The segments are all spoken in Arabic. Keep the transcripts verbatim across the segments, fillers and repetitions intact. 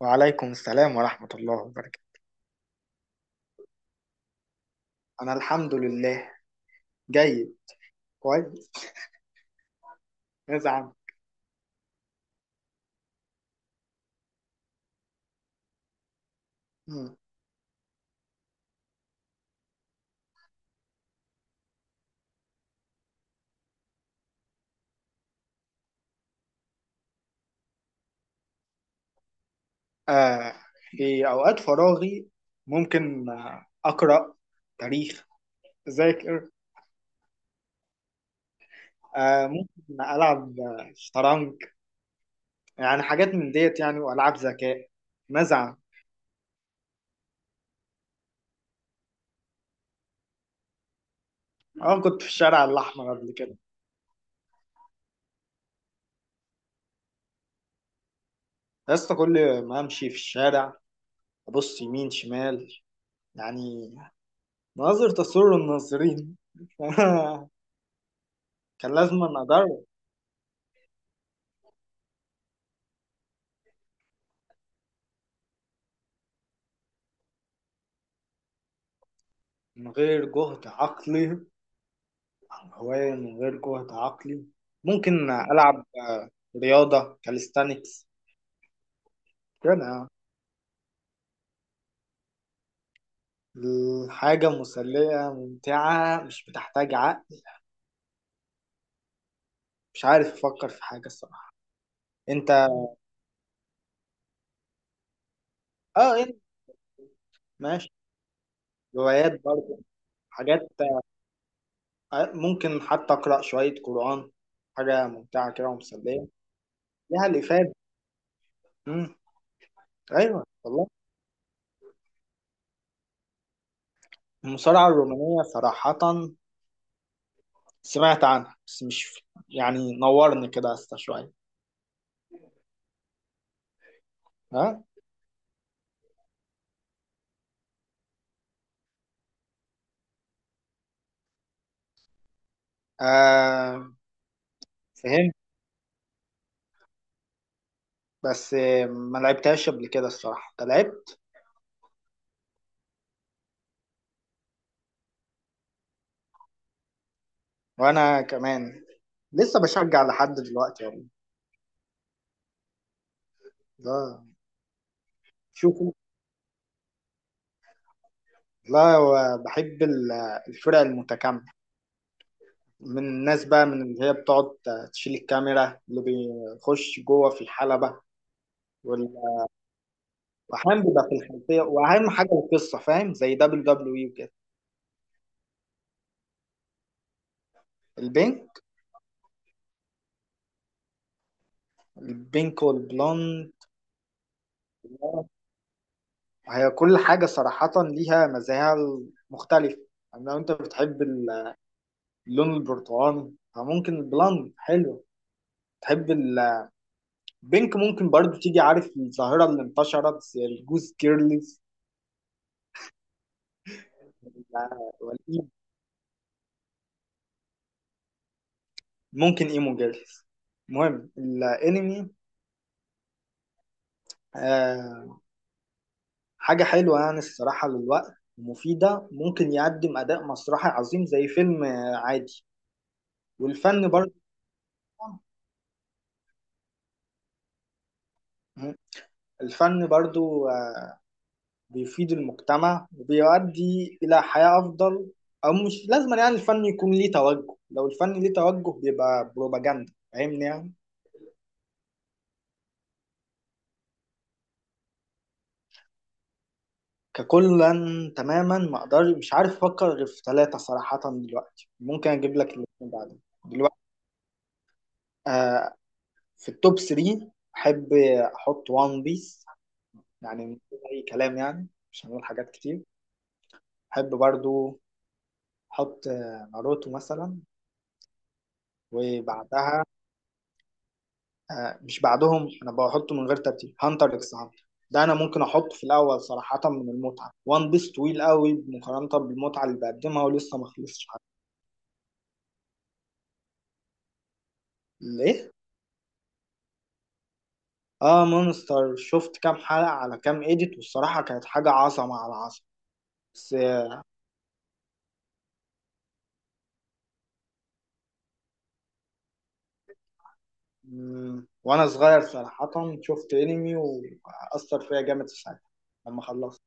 وعليكم السلام ورحمة الله وبركاته. أنا الحمد لله. جيد. كويس. نزعم. آه في أوقات فراغي ممكن آه، أقرأ تاريخ. أذاكر. آه ممكن ألعب آه، شطرنج. يعني حاجات من ديت يعني، وألعاب ذكاء. نزعم. أه، كنت في الشارع الأحمر قبل كده. بس كل ما أمشي في الشارع أبص يمين شمال، يعني مناظر تسر الناظرين. كان لازم أدرب. من غير جهد عقلي، هواية من غير جهد عقلي ممكن ألعب آه، رياضة كاليستانكس كده. الحاجة مسلية ممتعة مش بتحتاج عقل. مش عارف أفكر في حاجة الصراحة. أنت. آه أنت. ماشي. روايات برضه. حاجات. آه، ممكن حتى أقرأ شوية قرآن، حاجة ممتعة كده ومسلية، ليها الإفادة. مم. أيوه والله. المصارعة الرومانية صراحة سمعت عنها، بس مش يعني نورني كده استا شوية. ها. آه. فهمت. بس آه، ما لعبتهاش قبل كده الصراحة. انت لعبت؟ وانا كمان لسه بشجع لحد دلوقتي والله. لا. شوفوا. لا، هو بحب ال- الفرق المتكاملة من الناس بقى، من اللي هي بتقعد تشيل الكاميرا اللي بيخش جوه في الحلبة وال- واحيانا بيبقى في الخلفية، واهم حاجة القصة، فاهم زي دبليو دبليو اي وكده. البينك. البينك والبلوند. هي كل حاجة صراحة ليها مزاياها المختلفة. يعني لو انت بتحب ال- اللون البرتقاني فممكن البلاند حلو. تحب البينك، ممكن برضو تيجي، عارف الظاهرة اللي انتشرت زي الجوز كيرلز وال- والإيم- ممكن ايمو جيرلز. المهم الانمي. آه حاجة حلوة يعني الصراحة، للوقت مفيدة، ممكن يقدم أداء مسرحي عظيم زي فيلم آه، عادي. والفن برضو. الفن برضو آه، بيفيد المجتمع وبيؤدي إلى حياة أفضل. أو مش لازم يعني الفن يكون ليه توجه، لو الفن ليه توجه بيبقى بروباجندا، فاهمني يعني. ككلا تماما ما أقدر، مش عارف أفكر غير في ثلاثة صراحة دلوقتي، ممكن أجيب لك الاثنين بعدين. دلوقتي، آه في التوب ثري أحب أحط وان بيس، يعني من غير أي كلام يعني، مش هنقول حاجات كتير. أحب برضو أحط آه، ناروتو مثلا. وبعدها آه، مش بعدهم، انا بحطه من غير ترتيب، هانتر اكس هانتر. ده انا ممكن احطه في الاول صراحه من المتعه. وان بيس طويل قوي مقارنه بالمتعه اللي بقدمها ولسه ما خلصش حاجه. ليه؟ اه مونستر، شفت كام حلقه على كام ايديت، والصراحه كانت حاجه عظمه على عظمه. بس آه، مم، وانا صغير صراحه شفت انمي واثر فيا جامد في ساعتها لما خلصت.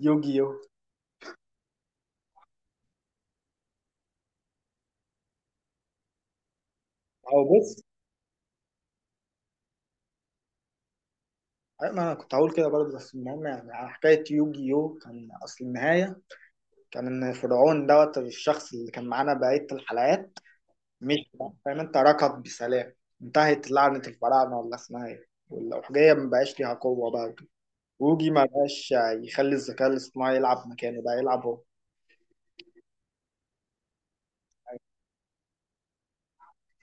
يوجي يو. او بص. أيوة، ما انا كنت هقول كده برضه. بس المهم يعني، على حكايه يوجي يو، كان اصل النهايه كان فرعون دوت، الشخص اللي كان معانا بقية الحلقات، مش فاهم، انت ركض بسلام، انتهت لعنة الفراعنة ولا اسمها ايه، والأحجية ما بقاش ليها قوة بقى وكده. ووجي ما بقاش يخلي الذكاء الاصطناعي يلعب مكانه، بقى يلعب هو.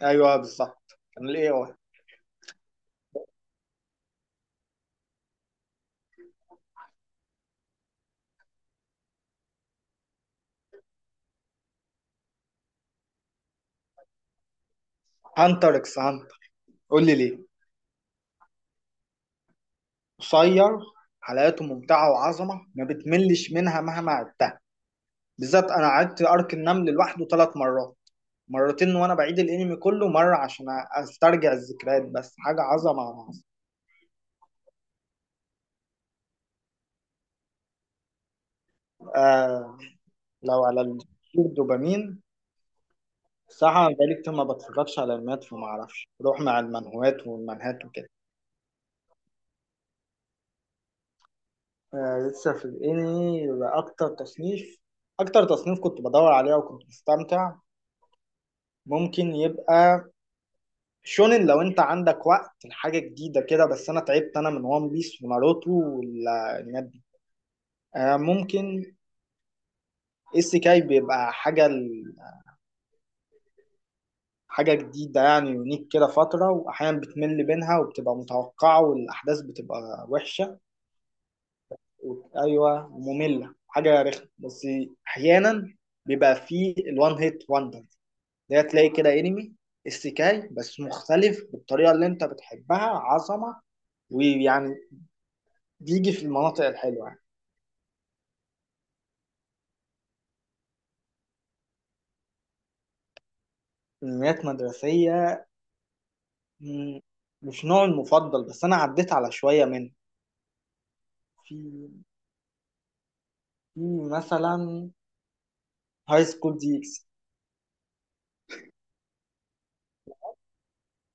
ايوه بالظبط، كان الاي اي. هانتر اكس هانتر. قول لي ليه. قصير، حلقاته ممتعة وعظمة، ما بتملش منها مهما عدتها. بالذات انا عدت ارك النمل لوحده ثلاث مرات، مرتين وانا بعيد الانمي كله مره، عشان استرجع الذكريات، بس حاجه عظمه على عظمه. آه. لو على الدوبامين، صراحه بقالي كتير ما بتفرجش على المات، فما اعرفش، بروح مع المنهوات والمنهات وكده. آه، لسه في الانمي. اكتر تصنيف، اكتر تصنيف كنت بدور عليها وكنت بستمتع ممكن يبقى شونن، لو انت عندك وقت لحاجه جديده كده، بس انا تعبت انا من وان بيس وناروتو والانميات دي. آه ممكن السيكاي بيبقى حاجة ال- حاجة جديدة يعني، يونيك كده فترة، وأحيانا بتمل بينها وبتبقى متوقعة والأحداث بتبقى وحشة و... أيوة، مملة حاجة رخمة، بس أحيانا بيبقى فيه الوان هيت وندر. ده تلاقي كده أنمي استيكاي بس مختلف بالطريقة اللي أنت بتحبها، عظمة، ويعني بيجي في المناطق الحلوة يعني. أنميات مدرسية. مم، مش نوعي المفضل، بس أنا عديت على شوية منه. في. في. مثلا هاي سكول دي إكس.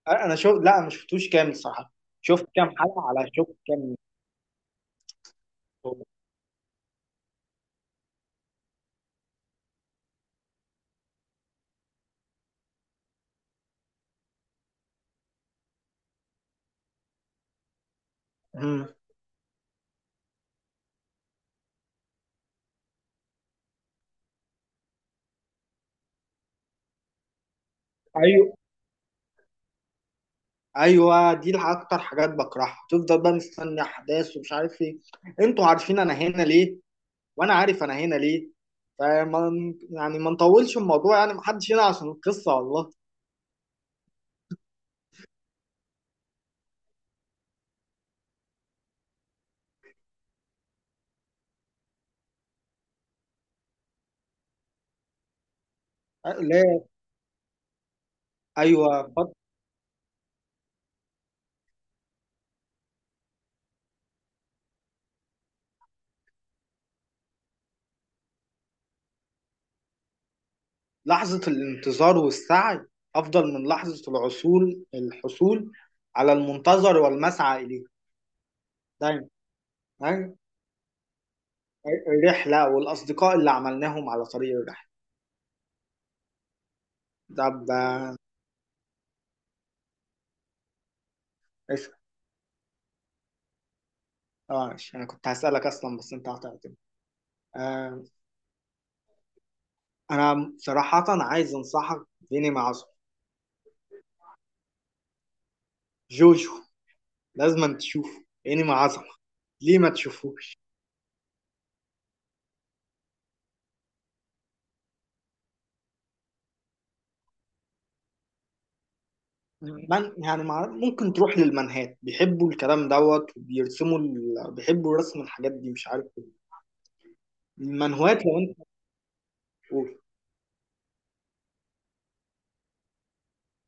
انا أنا شوف، لا، أنا ما شفتوش كامل الصراحه. شفت كام حلقه، على شوف كام. مم. ايوه ايوه، دي الح- اكتر حاجات بكرهها، تفضل بقى مستني احداث ومش عارف ايه. انتوا عارفين انا هنا ليه، وانا عارف انا هنا ليه، فما يعني ما نطولش الموضوع يعني، محدش هنا عشان القصه والله. أ- لا. ايوه فت- لحظه الانتظار والسعي افضل من لحظه العصول الحصول على المنتظر والمسعى اليه. دايما. الرحلة والأصدقاء اللي عملناهم على طريق الرحلة. ده ب- اسأل. اه ماشي، أنا كنت هسألك أصلا بس أنت هتعتمد. آه أنا صراحة عايز أنصحك بإنمي عظمة، جوجو. لازم تشوفه، إنمي عظمة، ليه ما تشوفوش؟ من يعني مع... ممكن تروح للمنهات، بيحبوا الكلام دوت وبيرسموا ال... بيحبوا رسم الحاجات دي، مش عارف ليه. المنهوات، لو أنت قول.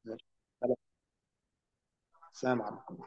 ماشي. سلام. سلام عليكم.